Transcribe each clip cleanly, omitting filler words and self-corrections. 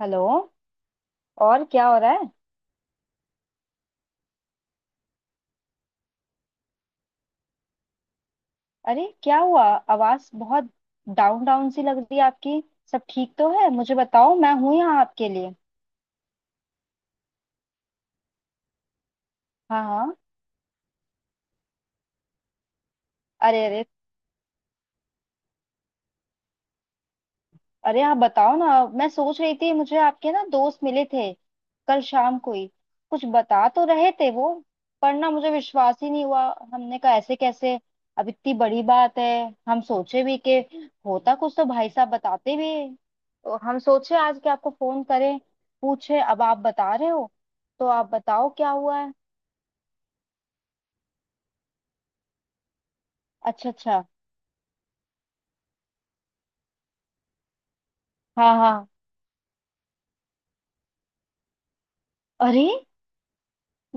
Hello. और क्या हो रहा है? अरे क्या हुआ? आवाज बहुत डाउन डाउन सी लग रही है आपकी। सब ठीक तो है? मुझे बताओ, मैं हूं यहाँ आपके लिए। हाँ हाँ। अरे अरे। अरे आप बताओ ना। मैं सोच रही थी, मुझे आपके ना दोस्त मिले थे कल शाम को ही। कुछ बता तो रहे थे वो। पर ना मुझे विश्वास ही नहीं हुआ। हमने कहा ऐसे कैसे? अब इतनी बड़ी बात है। हम सोचे भी कि होता कुछ तो भाई साहब बताते भी। तो हम सोचे आज के आपको फोन करें, पूछे। अब आप बता रहे हो, तो आप बताओ क्या हुआ है। अच्छा अच्छा। हाँ हाँ। अरे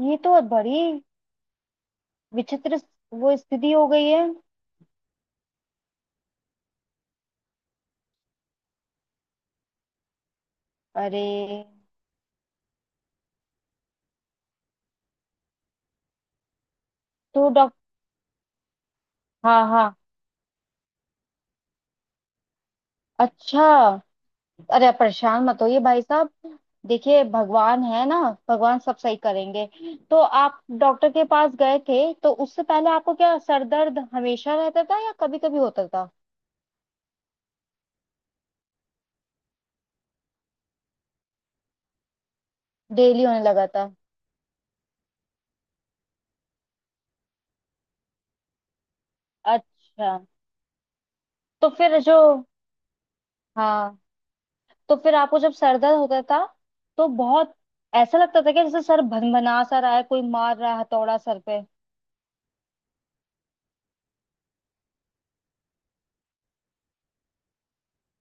ये तो बड़ी विचित्र वो स्थिति हो गई है। अरे। तो डॉक्टर। हाँ हाँ। अच्छा। अरे आप परेशान मत होइए भाई साहब। देखिए भगवान है ना, भगवान सब सही करेंगे। तो आप डॉक्टर के पास गए थे, तो उससे पहले आपको क्या सर दर्द हमेशा रहता था या कभी कभी होता था? डेली होने लगा था? अच्छा। तो फिर जो, हाँ, तो फिर आपको जब सर दर्द होता था तो बहुत ऐसा लगता था कि जैसे सर भनभना सा रहा है, कोई मार रहा है हथौड़ा सर पे?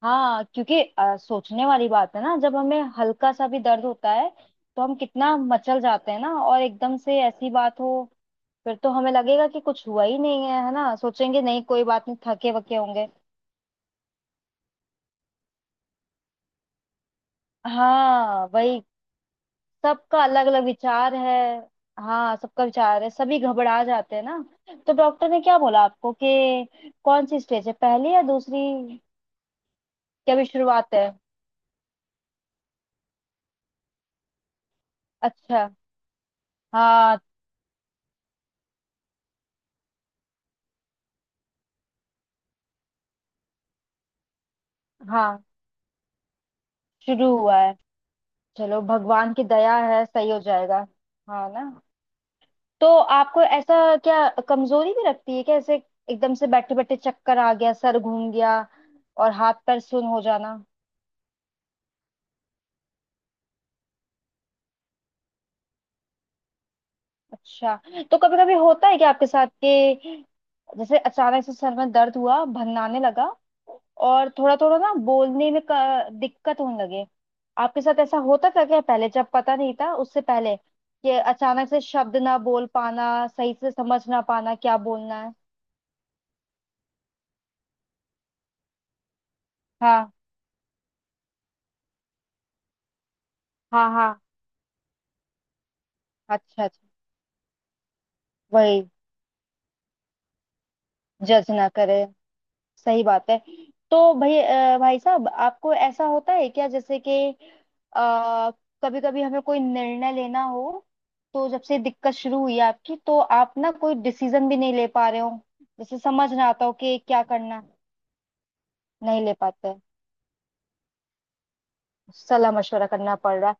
हाँ क्योंकि सोचने वाली बात है ना, जब हमें हल्का सा भी दर्द होता है तो हम कितना मचल जाते हैं ना, और एकदम से ऐसी बात हो। फिर तो हमें लगेगा कि कुछ हुआ ही नहीं है, है ना? सोचेंगे नहीं कोई बात नहीं, थके वके होंगे। हाँ वही। सबका अलग अलग विचार है। हाँ सबका विचार है, सभी घबरा जाते हैं ना। तो डॉक्टर ने क्या बोला आपको कि कौन सी स्टेज है, पहली या दूसरी? क्या अभी शुरुआत है? अच्छा। हाँ हाँ। शुरू हुआ है। चलो भगवान की दया है, सही हो जाएगा। हाँ ना। तो आपको ऐसा क्या कमजोरी भी रखती है क्या ऐसे, एकदम से बैठे बैठे चक्कर आ गया, सर घूम गया, और हाथ पैर सुन हो जाना? अच्छा। तो कभी कभी होता है क्या आपके साथ कि जैसे अचानक से सर में दर्द हुआ, भन्नाने लगा, और थोड़ा थोड़ा ना बोलने में दिक्कत होने लगे? आपके साथ ऐसा होता था क्या पहले, जब पता नहीं था उससे पहले, कि अचानक से शब्द ना बोल पाना, सही से समझ ना पाना क्या बोलना है? हाँ हाँ। हाँ। अच्छा अच्छा। वही। जज ना करे, सही बात है। तो भाई भाई साहब आपको ऐसा होता है क्या जैसे कि कभी कभी हमें कोई निर्णय लेना हो, तो जब से दिक्कत शुरू हुई है आपकी तो आप ना कोई डिसीजन भी नहीं ले पा रहे हो, जैसे समझ ना आता हो कि क्या करना? नहीं ले पाते। सलाह मशवरा करना पड़ रहा है।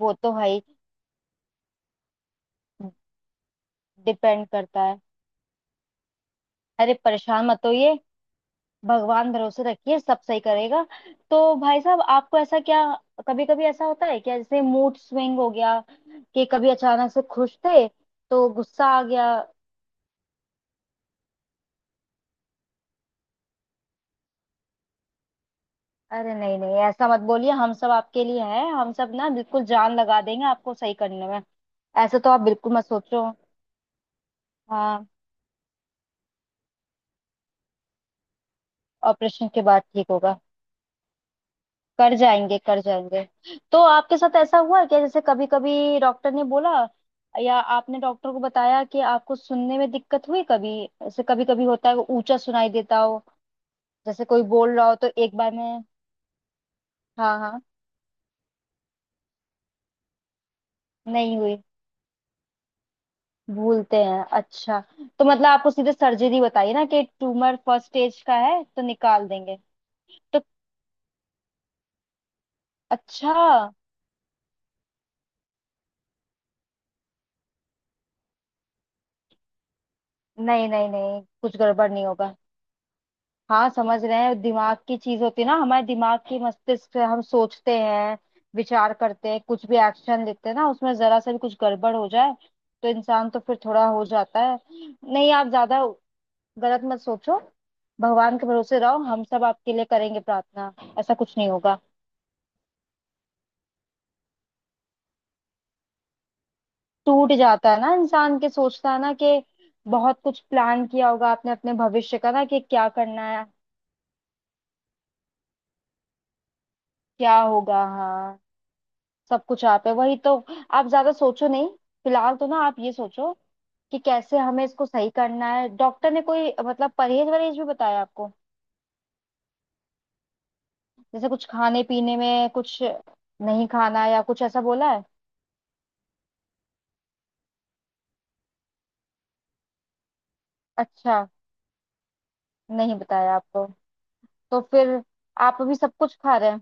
वो तो भाई, डिपेंड करता है। अरे परेशान मत होइए, भगवान भरोसे रखिए, सब सही करेगा। तो भाई साहब आपको ऐसा क्या कभी कभी ऐसा होता है क्या, जैसे मूड स्विंग हो गया, कि कभी अचानक से खुश थे तो गुस्सा आ गया? अरे नहीं नहीं ऐसा मत बोलिए। हम सब आपके लिए हैं, हम सब ना बिल्कुल जान लगा देंगे आपको सही करने में। ऐसा तो आप बिल्कुल मत सोचो। हाँ। ऑपरेशन के बाद ठीक होगा। कर जाएंगे कर जाएंगे। तो आपके साथ ऐसा हुआ है क्या, जैसे कभी कभी डॉक्टर ने बोला या आपने डॉक्टर को बताया कि आपको सुनने में दिक्कत हुई कभी ऐसे, कभी कभी होता है ऊंचा सुनाई देता हो, जैसे कोई बोल रहा हो तो एक बार में? हाँ हाँ। नहीं हुई। भूलते हैं, अच्छा। तो मतलब आपको सीधे सर्जरी बताइए ना कि ट्यूमर फर्स्ट स्टेज का है तो निकाल देंगे। तो अच्छा। नहीं नहीं नहीं कुछ गड़बड़ नहीं होगा। हाँ समझ रहे हैं, दिमाग की चीज होती है ना, हमारे दिमाग की मस्तिष्क से हम सोचते हैं, विचार करते हैं, कुछ भी एक्शन लेते हैं ना, उसमें जरा सा भी कुछ गड़बड़ हो जाए तो इंसान तो फिर थोड़ा हो जाता है। नहीं आप ज्यादा गलत मत सोचो। भगवान के भरोसे रहो, हम सब आपके लिए करेंगे प्रार्थना। ऐसा कुछ नहीं होगा। टूट जाता है ना इंसान, के सोचता है ना कि बहुत कुछ प्लान किया होगा आपने अपने भविष्य का, ना, कि क्या करना है। क्या होगा, हाँ। सब कुछ आप है वही तो। आप ज्यादा सोचो नहीं। फिलहाल तो ना आप ये सोचो कि कैसे हमें इसको सही करना है। डॉक्टर ने कोई मतलब परहेज वरहेज भी बताया आपको, जैसे कुछ खाने पीने में कुछ नहीं खाना या कुछ ऐसा बोला है? अच्छा, नहीं बताया आपको। तो फिर आप अभी सब कुछ खा रहे हैं?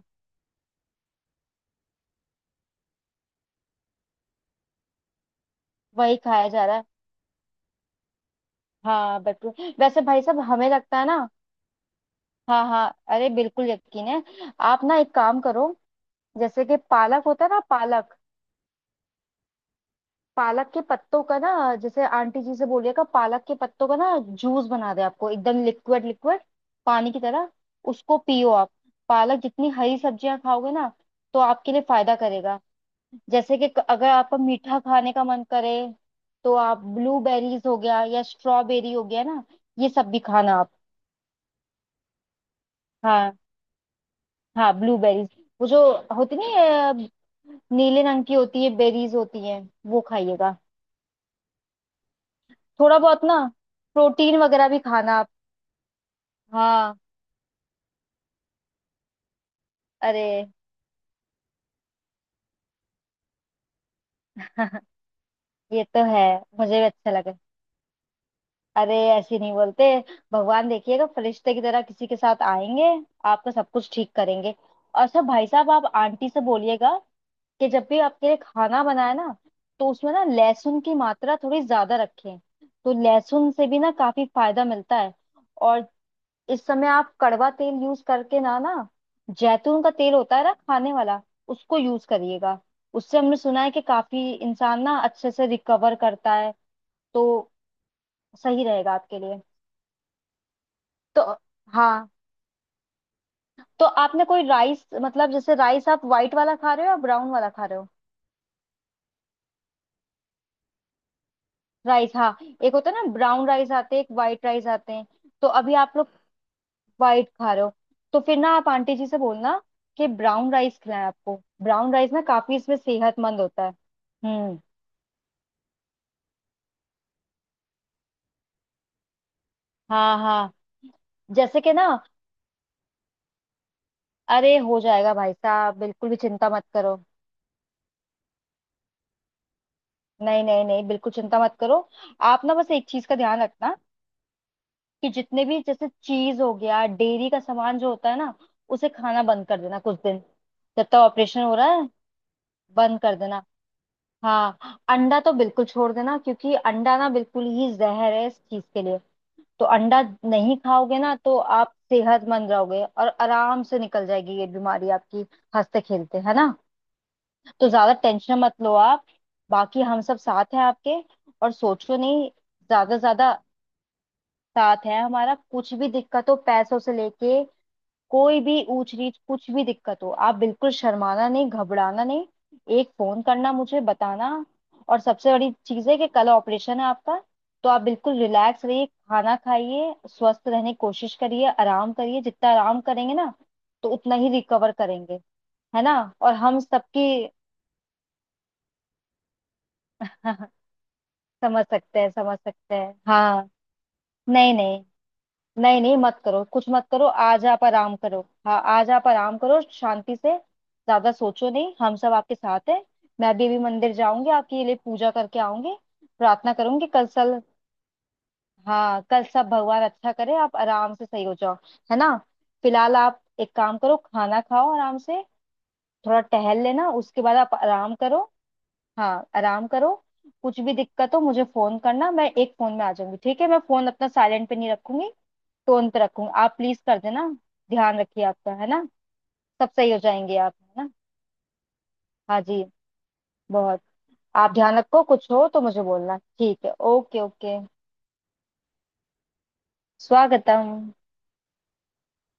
वही खाया जा रहा है, हाँ बिल्कुल। वैसे भाई साहब हमें लगता है ना, हाँ हाँ, अरे बिल्कुल यकीन है। आप ना एक काम करो, जैसे कि पालक होता है ना, पालक। पालक के पत्तों का ना, जैसे आंटी जी से बोलिएगा पालक के पत्तों का ना जूस बना दे आपको, एकदम लिक्विड लिक्विड पानी की तरह, उसको पियो आप। पालक जितनी हरी सब्जियां खाओगे ना तो आपके लिए फायदा करेगा। जैसे कि अगर आपका मीठा खाने का मन करे तो आप ब्लूबेरीज हो गया या स्ट्रॉबेरी हो गया ना, ये सब भी खाना आप। हाँ हाँ। ब्लूबेरीज, वो जो होती नहीं है, नीले रंग की होती है, बेरीज होती है, वो खाइएगा। थोड़ा बहुत ना प्रोटीन वगैरह भी खाना। हाँ अरे। ये तो है, मुझे भी अच्छा लगा। अरे ऐसे नहीं बोलते। भगवान देखिएगा फरिश्ते की तरह किसी के साथ आएंगे, आपका सब कुछ ठीक करेंगे। और सब भाई साहब आप आंटी से बोलिएगा कि जब भी आपके लिए खाना बनाए ना तो उसमें ना लहसुन की मात्रा थोड़ी ज्यादा रखें। तो लहसुन से भी ना काफी फायदा मिलता है। और इस समय आप कड़वा तेल यूज करके ना ना, जैतून का तेल होता है ना खाने वाला, उसको यूज करिएगा। उससे हमने सुना है कि काफी इंसान ना अच्छे से रिकवर करता है। तो सही रहेगा आपके लिए। तो हाँ। तो आपने कोई राइस मतलब, जैसे राइस आप व्हाइट वाला खा रहे हो या ब्राउन वाला खा रहे हो? राइस, हाँ। एक होता है ना ब्राउन राइस आते हैं, एक व्हाइट राइस आते हैं। तो अभी आप लोग व्हाइट खा रहे हो, तो फिर ना आप आंटी जी से बोलना कि ब्राउन राइस खिलाएं आपको। ब्राउन राइस ना काफी इसमें सेहतमंद होता है। हम्म। हाँ हाँ। जैसे कि ना, अरे हो जाएगा भाई साहब, बिल्कुल भी चिंता मत करो। नहीं नहीं नहीं बिल्कुल चिंता मत करो। आप ना बस एक चीज का ध्यान रखना कि जितने भी जैसे चीज हो गया डेयरी का सामान जो होता है ना, उसे खाना बंद कर देना कुछ दिन, जब तक ऑपरेशन हो रहा है बंद कर देना। हाँ अंडा तो बिल्कुल छोड़ देना, क्योंकि अंडा ना बिल्कुल ही जहर है इस चीज के लिए। तो अंडा नहीं खाओगे ना, तो आप सेहतमंद रहोगे और आराम से निकल जाएगी ये बीमारी आपकी, हंसते खेलते, है ना। तो ज्यादा टेंशन मत लो आप, बाकी हम सब साथ हैं आपके, और सोचो नहीं ज्यादा। ज्यादा साथ है हमारा, कुछ भी दिक्कत हो पैसों से लेके, कोई भी ऊंच नीच कुछ भी दिक्कत हो, आप बिल्कुल शर्माना नहीं, घबराना नहीं, एक फोन करना, मुझे बताना। और सबसे बड़ी चीज है कि कल ऑपरेशन है आपका, तो आप बिल्कुल रिलैक्स रहिए, खाना खाइए, स्वस्थ रहने की कोशिश करिए, आराम करिए, जितना आराम करेंगे ना तो उतना ही रिकवर करेंगे, है ना। और हम सबकी समझ सकते हैं समझ सकते हैं, हाँ। नहीं नहीं। नहीं नहीं मत करो, कुछ मत करो, आज आप आराम करो। हाँ आज आप आराम करो शांति से, ज्यादा सोचो नहीं, हम सब आपके साथ हैं। मैं भी अभी मंदिर जाऊंगी, आपके लिए पूजा करके आऊंगी, प्रार्थना करूंगी, कल सल। हाँ कल सब भगवान अच्छा करे, आप आराम से सही हो जाओ, है ना। फिलहाल आप एक काम करो, खाना खाओ आराम से, थोड़ा टहल लेना, उसके बाद आप आराम करो। हाँ आराम करो। कुछ भी दिक्कत हो मुझे फोन करना, मैं एक फोन में आ जाऊंगी। ठीक है, मैं फोन अपना साइलेंट पे नहीं रखूंगी, टोन पे रखूंगी, आप प्लीज कर देना। ध्यान रखिए आपका, है ना, सब सही हो जाएंगे आप, है ना। हाँ जी। बहुत। आप ध्यान रखो, कुछ हो तो मुझे बोलना, ठीक है, ओके ओके। स्वागतम।